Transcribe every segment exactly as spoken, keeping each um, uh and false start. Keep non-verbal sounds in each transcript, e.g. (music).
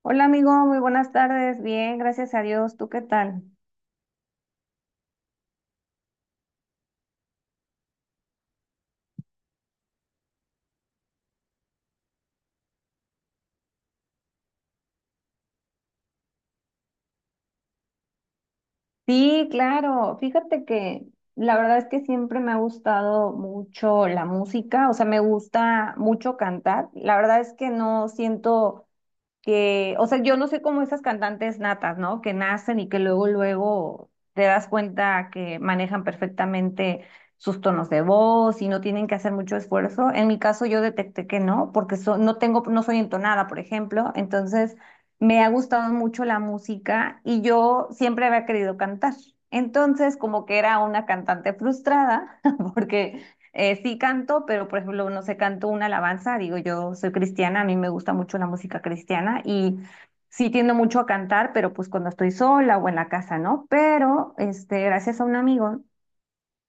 Hola amigo, muy buenas tardes. Bien, gracias a Dios. ¿Tú qué tal? Sí, claro. Fíjate que la verdad es que siempre me ha gustado mucho la música, o sea, me gusta mucho cantar. La verdad es que no siento que, o sea, yo no sé cómo esas cantantes natas, ¿no? Que nacen y que luego, luego te das cuenta que manejan perfectamente sus tonos de voz y no tienen que hacer mucho esfuerzo. En mi caso, yo detecté que no, porque so- no tengo, no soy entonada, por ejemplo. Entonces, me ha gustado mucho la música y yo siempre había querido cantar. Entonces, como que era una cantante frustrada, (laughs) porque eh, sí canto, pero por ejemplo, no sé, canto una alabanza, digo, yo soy cristiana, a mí me gusta mucho la música cristiana y sí tiendo mucho a cantar, pero pues cuando estoy sola o en la casa, ¿no? Pero, este, gracias a un amigo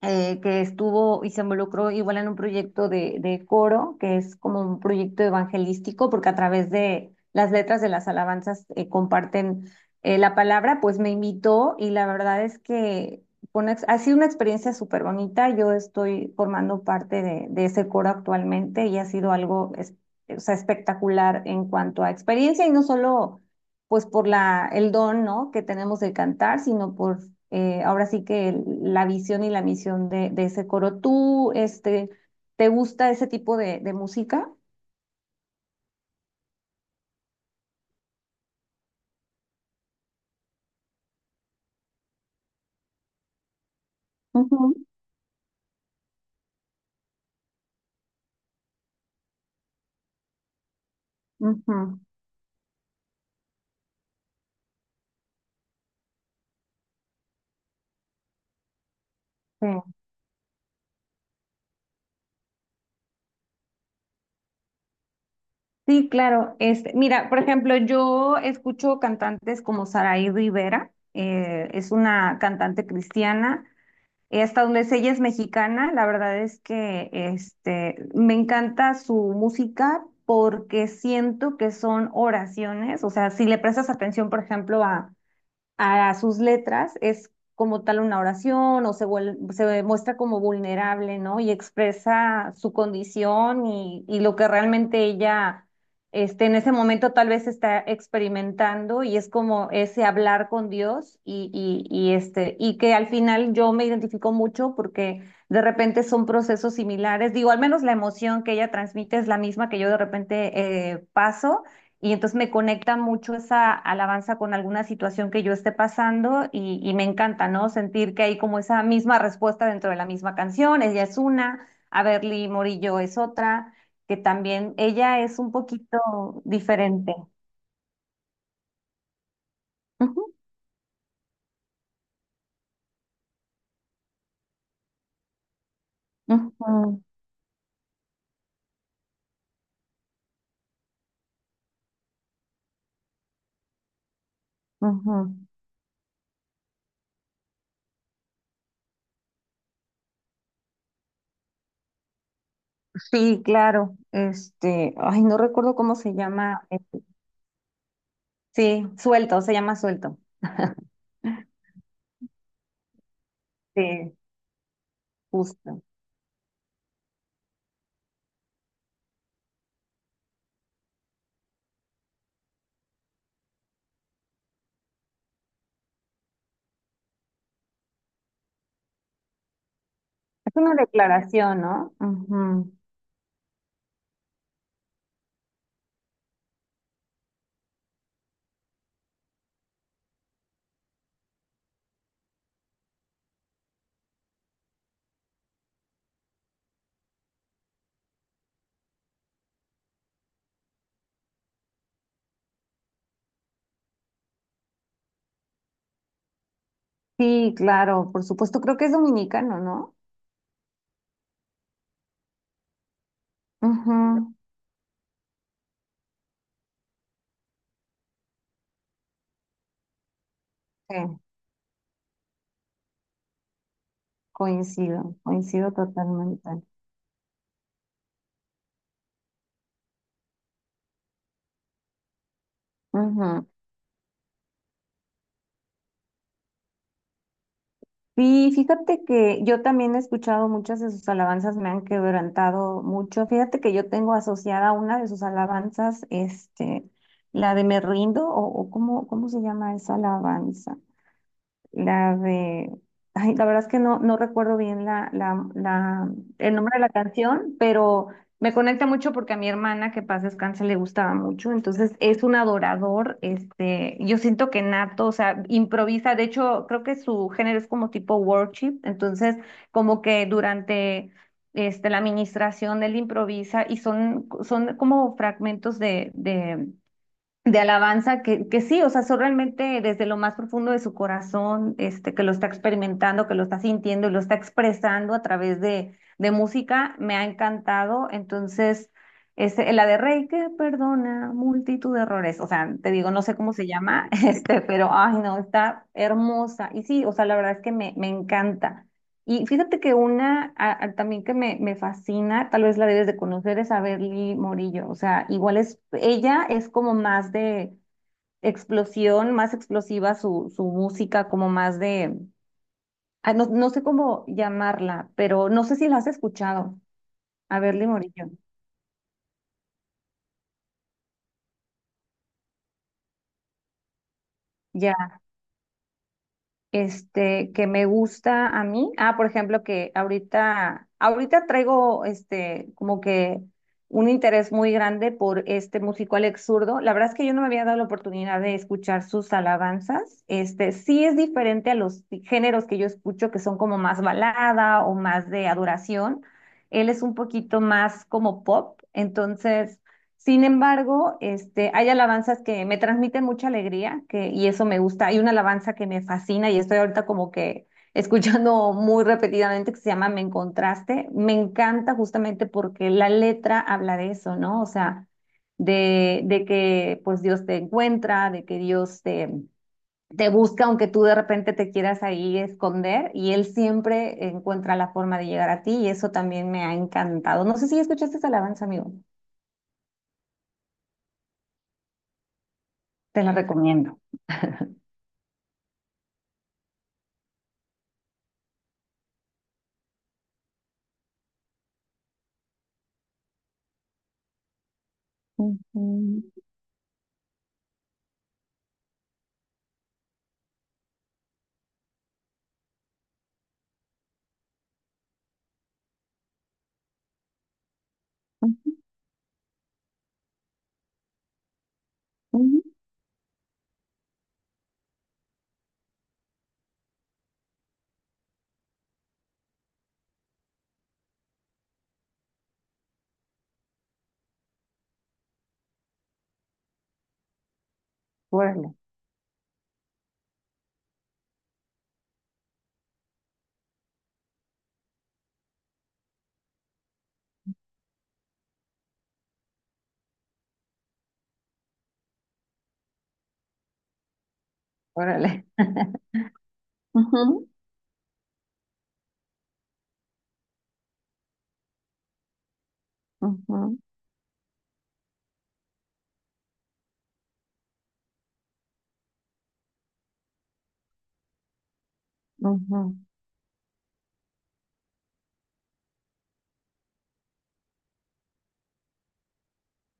eh, que estuvo y se involucró igual en un proyecto de, de coro, que es como un proyecto evangelístico, porque a través de las letras de las alabanzas eh, comparten eh, la palabra, pues me invitó y la verdad es que fue una ex- ha sido una experiencia súper bonita. Yo estoy formando parte de, de ese coro actualmente y ha sido algo es- o sea, espectacular en cuanto a experiencia y no solo pues por la, el don, ¿no? Que tenemos de cantar, sino por eh, ahora sí que el- la visión y la misión de, de ese coro. ¿Tú, este, te gusta ese tipo de, de música? Ujú, ujú, sí. Sí, claro. Este, mira, por ejemplo, yo escucho cantantes como Saraí Rivera, eh, es una cantante cristiana. eh, Hasta donde sé, ella es mexicana, la verdad es que este, me encanta su música porque siento que son oraciones, o sea, si le prestas atención, por ejemplo, a, a sus letras es como tal una oración o se, vuel- se muestra como vulnerable, ¿no? Y expresa su condición y, y lo que realmente ella este, en ese momento tal vez está experimentando y es como ese hablar con Dios y, y, y, este, y que al final yo me identifico mucho porque de repente son procesos similares, digo, al menos la emoción que ella transmite es la misma que yo de repente eh, paso. Y entonces me conecta mucho esa alabanza con alguna situación que yo esté pasando y, y me encanta, ¿no? Sentir que hay como esa misma respuesta dentro de la misma canción. Ella es una, a Berly Morillo es otra, que también ella es un poquito diferente. Ujú, ujú, ujú. Sí, claro. Este, ay, no recuerdo cómo se llama. Este, sí, suelto, se llama suelto. Sí, justo. Es una declaración, no. Ujú. Sí, claro, por supuesto, creo que es dominicano, ¿no? Ujú. Sí, coincido, coincido totalmente. Ujú. Sí, fíjate que yo también he escuchado muchas de sus alabanzas, me han quebrantado mucho. Fíjate que yo tengo asociada una de sus alabanzas, este, la de Me Rindo, o, o ¿cómo, cómo se llama esa alabanza? La de... Ay, la verdad es que no, no recuerdo bien la, la, la, el nombre de la canción, pero me conecta mucho porque a mi hermana, que paz descanse, le gustaba mucho. Entonces es un adorador. Este, yo siento que nato, o sea, improvisa. De hecho, creo que su género es como tipo worship. Entonces, como que durante este, la administración él improvisa y son, son como fragmentos de, de de alabanza que, que sí, o sea, son realmente desde lo más profundo de su corazón, este, que lo está experimentando, que lo está sintiendo y lo está expresando a través de, de música, me ha encantado. Entonces, este, la de Rey que perdona multitud de errores, o sea, te digo, no sé cómo se llama, (laughs) este, pero, ay, no, está hermosa. Y sí, o sea, la verdad es que me, me encanta. Y fíjate que una a- a- también que me, me fascina, tal vez la debes de conocer, es a Berly Morillo. O sea, igual es, ella es como más de explosión, más explosiva su, su música, como más de, ah, no, no sé cómo llamarla, pero no sé si la has escuchado, a Berly Morillo. Ya este, que me gusta a mí. Ah, por ejemplo, que ahorita, ahorita traigo este, como que un interés muy grande por este músico Alex Zurdo. La verdad es que yo no me había dado la oportunidad de escuchar sus alabanzas. Este, sí es diferente a los géneros que yo escucho, que son como más balada o más de adoración. Él es un poquito más como pop, entonces sin embargo, este, hay alabanzas que me transmiten mucha alegría que, y eso me gusta. Hay una alabanza que me fascina y estoy ahorita como que (laughs) escuchando muy repetidamente que se llama Me Encontraste. Me encanta justamente porque la letra habla de eso, ¿no? O sea, de, de que pues Dios te encuentra, de que Dios te, te busca aunque tú de repente te quieras ahí esconder y Él siempre encuentra la forma de llegar a ti y eso también me ha encantado. No sé si escuchaste esa alabanza, amigo. Te la recomiendo. Ujú, ujú, ujú. Órale, órale. Ujú, ujú, ujú,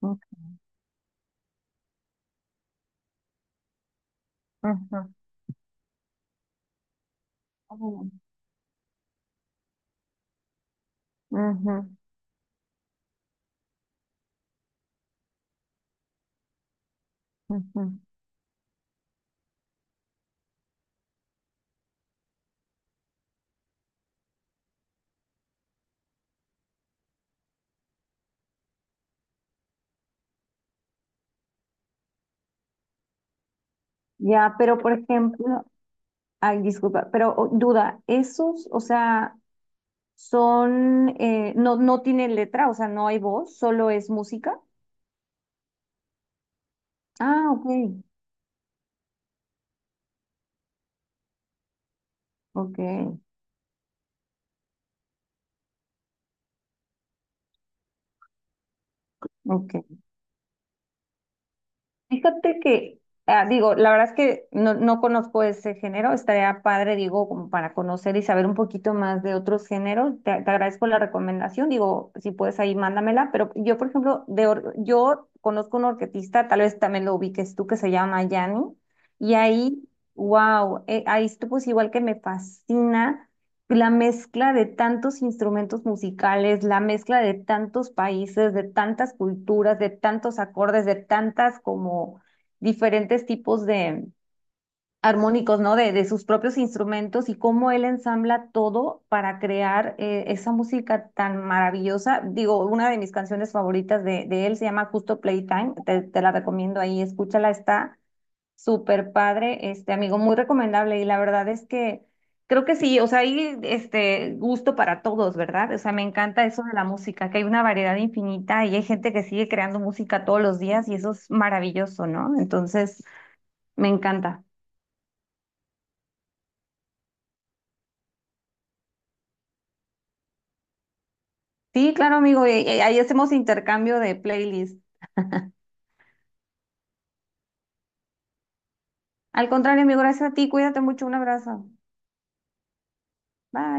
ujú, ujú, ujú, ujú. Ya, pero por ejemplo, ay, disculpa, pero o- duda, esos, o sea, son, eh, no, no tienen letra, o sea, no hay voz, solo es música. Ah, ok, ok, ok. Fíjate que, ah, digo, la verdad es que no, no conozco ese género, estaría padre, digo, como para conocer y saber un poquito más de otros géneros. Te, te agradezco la recomendación, digo, si puedes ahí mándamela, pero yo, por ejemplo, de or- yo conozco un orquetista, tal vez también lo ubiques tú, que se llama Yanni, y ahí, wow, ahí tú pues igual que me fascina. La mezcla de tantos instrumentos musicales, la mezcla de tantos países, de tantas culturas, de tantos acordes, de tantas como diferentes tipos de armónicos, ¿no? De, de sus propios instrumentos y cómo él ensambla todo para crear eh, esa música tan maravillosa. Digo, una de mis canciones favoritas de, de él se llama Justo Playtime, te, te la recomiendo ahí, escúchala, está súper padre, este amigo, muy recomendable y la verdad es que creo que sí, o sea, hay este gusto para todos, ¿verdad? O sea, me encanta eso de la música, que hay una variedad infinita y hay gente que sigue creando música todos los días y eso es maravilloso, ¿no? Entonces, me encanta. Sí, claro, amigo, y- y ahí hacemos intercambio de playlists. Al contrario, amigo, gracias a ti, cuídate mucho, un abrazo. Bye.